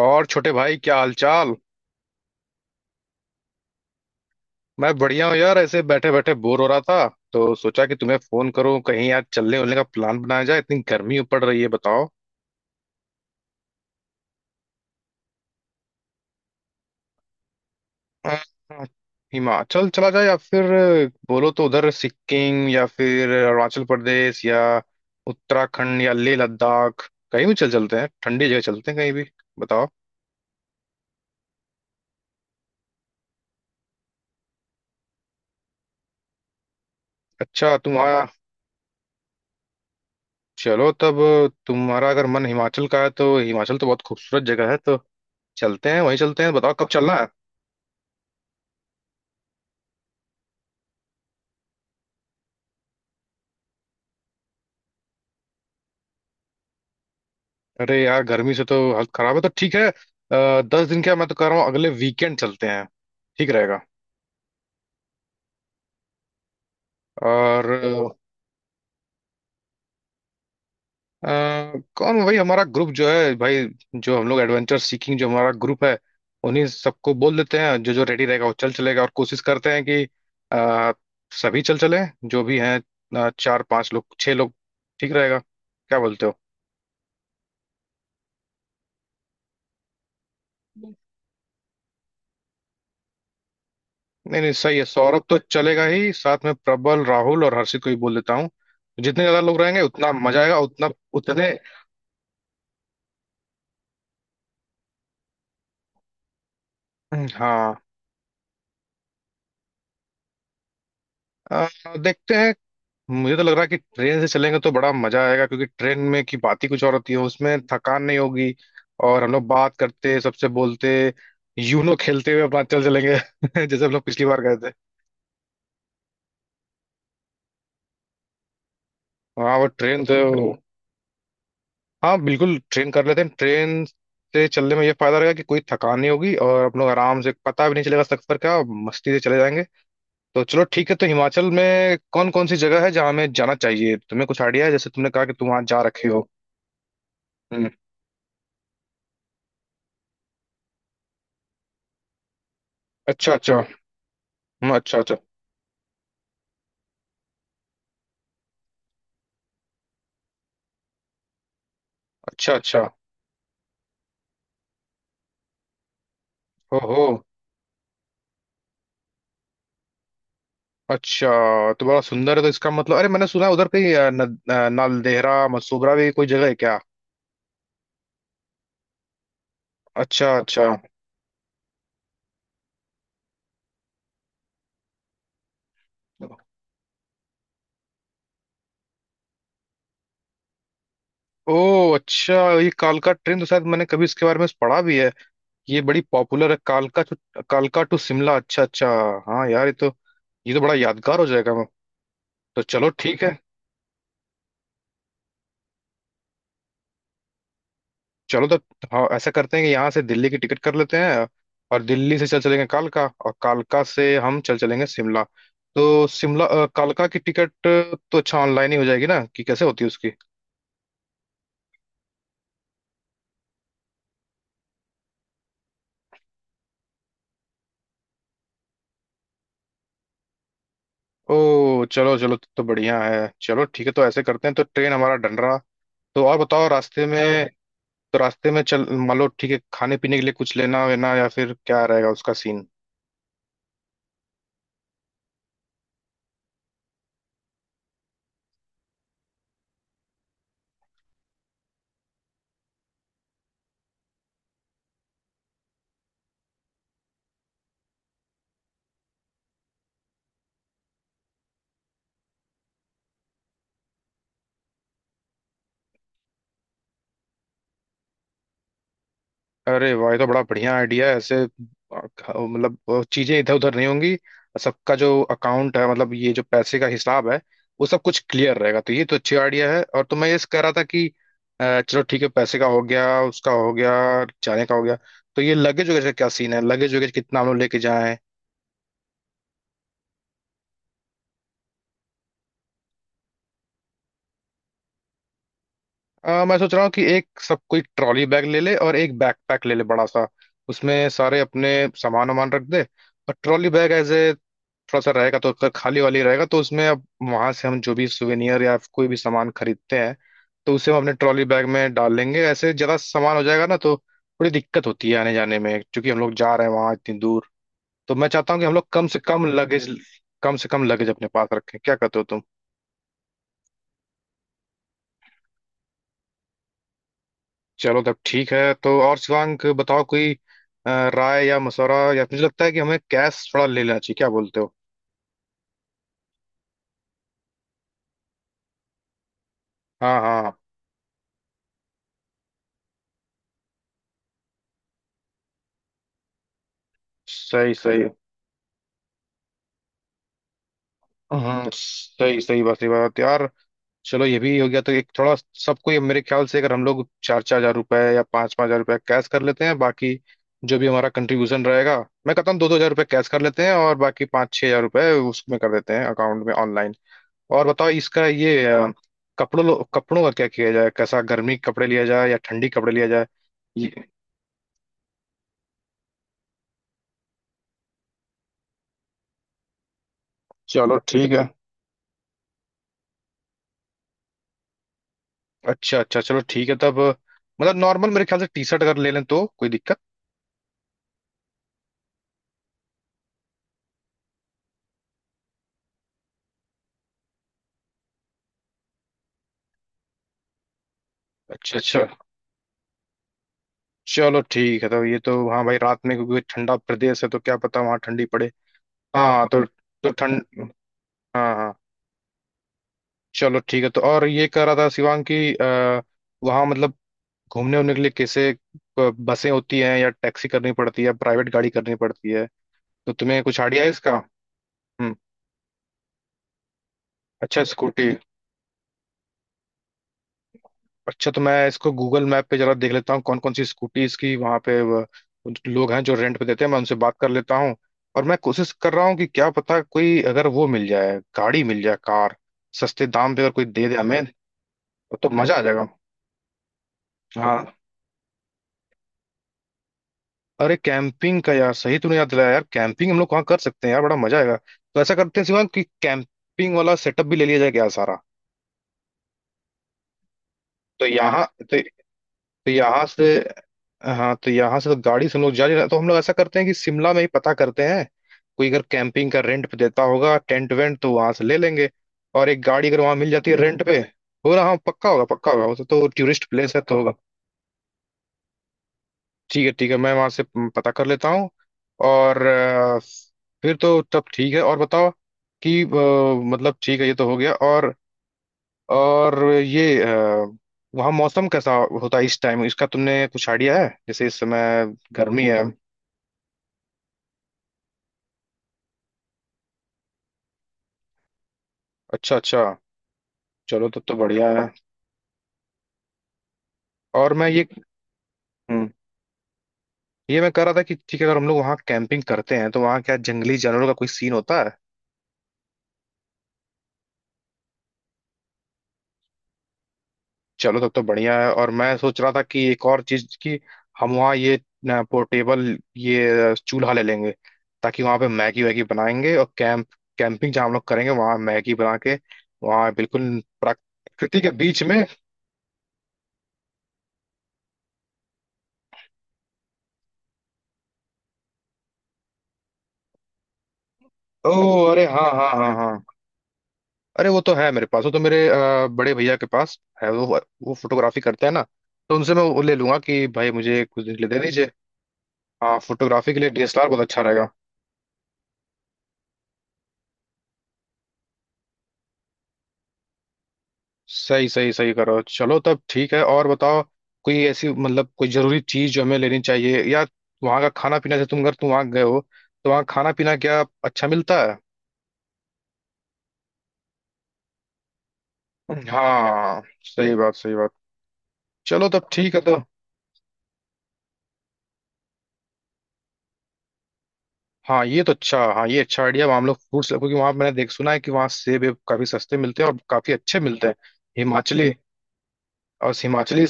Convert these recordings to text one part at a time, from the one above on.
और छोटे भाई, क्या हालचाल। मैं बढ़िया हूँ यार। ऐसे बैठे बैठे बोर हो रहा था तो सोचा कि तुम्हें फोन करूँ, कहीं यार चलने उलने का प्लान बनाया जाए। इतनी गर्मी पड़ रही है, बताओ। अ, हिमाचल चला जाए या फिर बोलो तो उधर सिक्किम या फिर अरुणाचल प्रदेश, या उत्तराखंड या लेह लद्दाख, कहीं भी चल चलते हैं। ठंडी जगह चलते हैं कहीं भी। बताओ। अच्छा, तुम्हारा। चलो तब। तुम्हारा अगर मन हिमाचल का है तो हिमाचल तो बहुत खूबसूरत जगह है, तो चलते हैं, वहीं चलते हैं। बताओ कब चलना है। अरे यार, गर्मी से तो हालत खराब है। तो ठीक है, 10 दिन क्या, मैं तो कह रहा हूँ अगले वीकेंड चलते हैं। ठीक रहेगा। और अ, कौन भाई, हमारा ग्रुप जो है भाई, जो हम लोग एडवेंचर सीकिंग, जो हमारा ग्रुप है, उन्हीं सबको बोल देते हैं। जो जो रेडी रहेगा वो चल चलेगा, और कोशिश करते हैं कि अ, सभी चल चले। जो भी हैं, चार पांच लोग, छह लोग। ठीक रहेगा, क्या बोलते हो। नहीं नहीं, सही है। सौरभ तो चलेगा ही, साथ में प्रबल, राहुल और हर्षित को भी बोल देता हूँ। जितने ज्यादा लोग रहेंगे उतना मजा आएगा, उतना। उतने। हाँ, अ, देखते हैं। मुझे तो लग रहा है कि ट्रेन से चलेंगे तो बड़ा मजा आएगा, क्योंकि ट्रेन में की बात ही कुछ और होती है। उसमें थकान नहीं होगी, और हम लोग बात करते, सबसे बोलते, यूनो खेलते हुए अपना चल चलेंगे। जैसे हम लोग पिछली बार गए थे। हाँ वो ट्रेन तो। हाँ बिल्कुल, ट्रेन कर लेते हैं। ट्रेन से चलने में ये फायदा रहेगा कि कोई थकान नहीं होगी और हम लोग आराम से, पता भी नहीं चलेगा सफर का, मस्ती से चले जाएंगे। तो चलो ठीक है, तो हिमाचल में कौन कौन सी जगह है जहाँ हमें जाना चाहिए? तुम्हें कुछ आइडिया है, जैसे तुमने कहा कि तुम वहां जा रखे हो। हम्म, अच्छा अच्छा। हम्म, अच्छा अच्छा। अच्छा अच्छा। हो हो। अच्छा, तो बड़ा सुंदर है। तो इसका मतलब, अरे मैंने सुना है उधर कहीं अ, न, अ, नालदेहरा मसूबरा भी कोई जगह है क्या? अच्छा अच्छा। ओ, अच्छा। ये कालका ट्रेन तो शायद मैंने कभी इसके बारे में पढ़ा भी है। ये बड़ी पॉपुलर है, कालका टू, कालका टू शिमला। अच्छा अच्छा। हाँ यार, ये तो बड़ा यादगार हो जाएगा। तो चलो ठीक है। चलो तो। हाँ, ऐसा करते हैं कि यहाँ से दिल्ली की टिकट कर लेते हैं। और दिल्ली से चल चलेंगे कालका, और कालका से हम चल चलेंगे शिमला। तो शिमला कालका की टिकट तो अच्छा, ऑनलाइन ही हो जाएगी ना, कि कैसे होती है उसकी? ओ, चलो चलो, तो बढ़िया है। चलो ठीक है, तो ऐसे करते हैं। तो ट्रेन हमारा डन रहा। तो और बताओ, रास्ते में। तो रास्ते में, चल मान लो ठीक है, खाने पीने के लिए कुछ लेना वेना, या फिर क्या रहेगा उसका सीन? अरे वाह, ये तो बड़ा बढ़िया आइडिया है। ऐसे मतलब चीजें इधर उधर नहीं होंगी। सबका जो अकाउंट है, मतलब ये जो पैसे का हिसाब है, वो सब कुछ क्लियर रहेगा। तो ये तो अच्छी आइडिया है। और तो मैं ये कह रहा था कि चलो ठीक है, पैसे का हो गया, उसका हो गया, जाने का हो गया। तो ये लगेज वगैरह का क्या सीन है, लगेज वगैरह कितना हम लोग लेके जाएं? मैं सोच रहा हूँ कि एक सब कोई ट्रॉली बैग ले ले और एक बैकपैक ले ले बड़ा सा, उसमें सारे अपने सामान वामान रख दे। और ट्रॉली बैग एज ए थोड़ा सा रहेगा, तो उसका खाली वाली रहेगा, तो उसमें अब वहां से हम जो भी सुवेनियर या कोई भी सामान खरीदते हैं तो उसे हम अपने ट्रॉली बैग में डाल लेंगे। ऐसे ज्यादा सामान हो जाएगा ना, तो थोड़ी दिक्कत होती है आने जाने में, क्योंकि हम लोग जा रहे हैं वहां इतनी दूर। तो मैं चाहता हूँ कि हम लोग कम से कम लगेज, कम से कम लगेज अपने पास रखें। क्या कहते हो तुम? चलो तब ठीक है। तो और शिवांक, बताओ कोई अ, राय या मशवरा, या मुझे लगता है कि हमें कैश थोड़ा ले लेना चाहिए, क्या बोलते हो? हाँ हाँ। सही सही। सही सही बात, सही बात यार। चलो ये भी हो गया। तो एक थोड़ा, सबको ये मेरे ख्याल से अगर हम लोग 4,000-4,000 रुपए या 5,000-5,000 रुपए कैश कर लेते हैं, बाकी जो भी हमारा कंट्रीब्यूशन रहेगा, मैं कहता हूँ 2,000-2,000 रुपए कैश कर लेते हैं और बाकी 5,000-6,000 रुपए उसमें कर देते हैं, अकाउंट में, ऑनलाइन। और बताओ इसका, ये कपड़ों का क्या किया जाए? कैसा, गर्मी के कपड़े लिया जाए या ठंडी कपड़े लिया जाए? ये चलो ठीक है, अच्छा अच्छा। चलो ठीक है तब। मतलब नॉर्मल, मेरे ख्याल से टी शर्ट अगर ले लें तो कोई दिक्कत। अच्छा अच्छा, चलो ठीक है। तो ये तो, हाँ भाई, रात में क्योंकि ठंडा प्रदेश है तो क्या पता वहाँ ठंडी पड़े। हाँ तो ठंड, हाँ हाँ। चलो ठीक है। तो और ये कह रहा था शिवांग कि वहाँ मतलब घूमने उमने के लिए कैसे, बसें होती हैं या टैक्सी करनी पड़ती है या प्राइवेट गाड़ी करनी पड़ती है? तो तुम्हें कुछ आइडिया है इसका? हम्म, अच्छा स्कूटी। अच्छा, तो मैं इसको गूगल मैप पे जरा देख लेता हूँ कौन कौन सी स्कूटीज की वहाँ पे लोग हैं जो रेंट पे देते हैं। मैं उनसे बात कर लेता हूँ। और मैं कोशिश कर रहा हूँ कि क्या पता, कोई अगर वो मिल जाए, गाड़ी मिल जाए, कार, सस्ते दाम पे अगर कोई दे दे हमें, तो मजा आ जाएगा। हाँ। अरे कैंपिंग का, यार सही तूने याद दिलाया। यार कैंपिंग हम लोग वहाँ कर सकते हैं, यार बड़ा मजा आएगा। तो ऐसा करते हैं शिवांग, कि कैंपिंग वाला सेटअप भी ले लिया जाए क्या सारा? तो यहाँ तो तो यहाँ से हाँ, तो यहाँ से तो गाड़ी से हम लोग जा नहीं रहे हैं। तो हम लोग ऐसा करते हैं कि शिमला में ही पता करते हैं, कोई अगर कैंपिंग का रेंट पे देता होगा, टेंट वेंट, तो वहां से ले लेंगे। और एक गाड़ी अगर वहां मिल जाती है रेंट पे। हो रहा, हाँ पक्का होगा, पक्का होगा वो तो टूरिस्ट प्लेस है तो होगा। ठीक है ठीक है, मैं वहां से पता कर लेता हूँ। और फिर तो तब ठीक है, और बताओ कि मतलब ठीक है, ये तो हो गया। और ये वहाँ मौसम कैसा होता है इस टाइम, इसका तुमने कुछ आइडिया है? जैसे इस समय गर्मी है। अच्छा अच्छा, चलो तब तो बढ़िया है। और मैं हम्म, ये मैं कह रहा था कि ठीक है, अगर हम लोग वहाँ कैंपिंग करते हैं तो वहाँ क्या जंगली जानवरों का कोई सीन होता है? चलो तब तो बढ़िया है। और मैं सोच रहा था कि एक और चीज की, हम वहाँ ये पोर्टेबल ये चूल्हा ले लेंगे, ताकि वहाँ पे मैगी वैगी बनाएंगे। और कैंपिंग जहाँ हम लोग करेंगे, वहाँ मैगी बना के, वहाँ बिल्कुल प्राकृति के बीच में। ओह, अरे हाँ हाँ हाँ हाँ। अरे वो तो है मेरे पास, वो तो मेरे बड़े भैया के पास है वो फोटोग्राफी करते हैं ना, तो उनसे मैं वो ले लूंगा कि भाई मुझे कुछ दिन के लिए दे दीजिए। हाँ, फोटोग्राफी के लिए डीएसएलआर बहुत अच्छा रहेगा। सही सही सही, करो चलो तब ठीक है। और बताओ, कोई ऐसी मतलब कोई जरूरी चीज जो हमें लेनी चाहिए? या वहाँ का खाना पीना, जैसे तुम अगर तुम वहाँ गए हो, तो वहाँ खाना पीना क्या अच्छा मिलता है? हाँ सही बात, सही बात। चलो तब ठीक है। तो हाँ ये तो अच्छा, हाँ ये अच्छा आइडिया। वहाँ हम लोग फ्रूट्स, क्योंकि वहाँ मैंने देख सुना है कि वहाँ सेब वेब काफी सस्ते मिलते हैं और काफी अच्छे मिलते हैं। हिमाचली और हिमाचली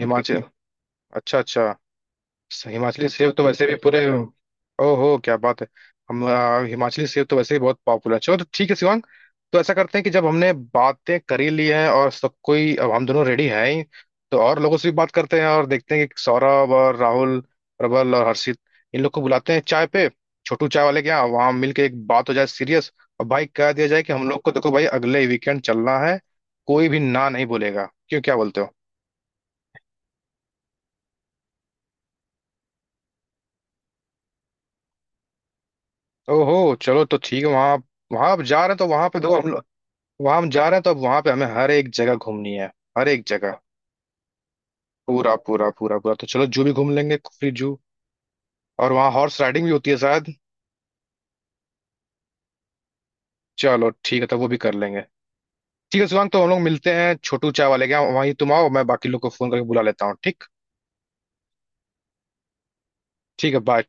हिमाचल अच्छा अच्छा। हिमाचली सेब तो वैसे भी पूरे। ओहो, क्या बात है। हिमाचली सेब तो वैसे भी बहुत पॉपुलर है। चलो तो ठीक है शिवांग। तो ऐसा करते हैं कि जब हमने बातें कर ही ली हैं और सब कोई, अब हम दोनों रेडी हैं ही, तो और लोगों से भी बात करते हैं। और देखते हैं कि सौरभ और राहुल, प्रबल और हर्षित, इन लोग को बुलाते हैं चाय पे, छोटू चाय वाले के यहाँ, वहाँ मिलके एक बात हो जाए सीरियस। और भाई कह दिया जाए कि हम लोग को, देखो भाई, अगले वीकेंड चलना है, कोई भी ना नहीं बोलेगा। क्यों, क्या बोलते हो? ओहो, चलो तो ठीक है। वहाँ, वहां आप जा रहे हैं तो वहां पे दो। वहां हम जा रहे हैं तो अब वहां पे हमें हर एक जगह घूमनी है, हर एक जगह। पूरा पूरा पूरा पूरा। तो चलो, जू भी घूम लेंगे, कुफरी जू। और वहाँ हॉर्स राइडिंग भी होती है शायद। चलो ठीक है, तो वो भी कर लेंगे। ठीक है शिवांग, तो हम लोग मिलते हैं छोटू चाय वाले के यहाँ। वहीं तुम आओ, मैं बाकी लोग को फोन करके बुला लेता हूँ। ठीक। ठीक है, बाय।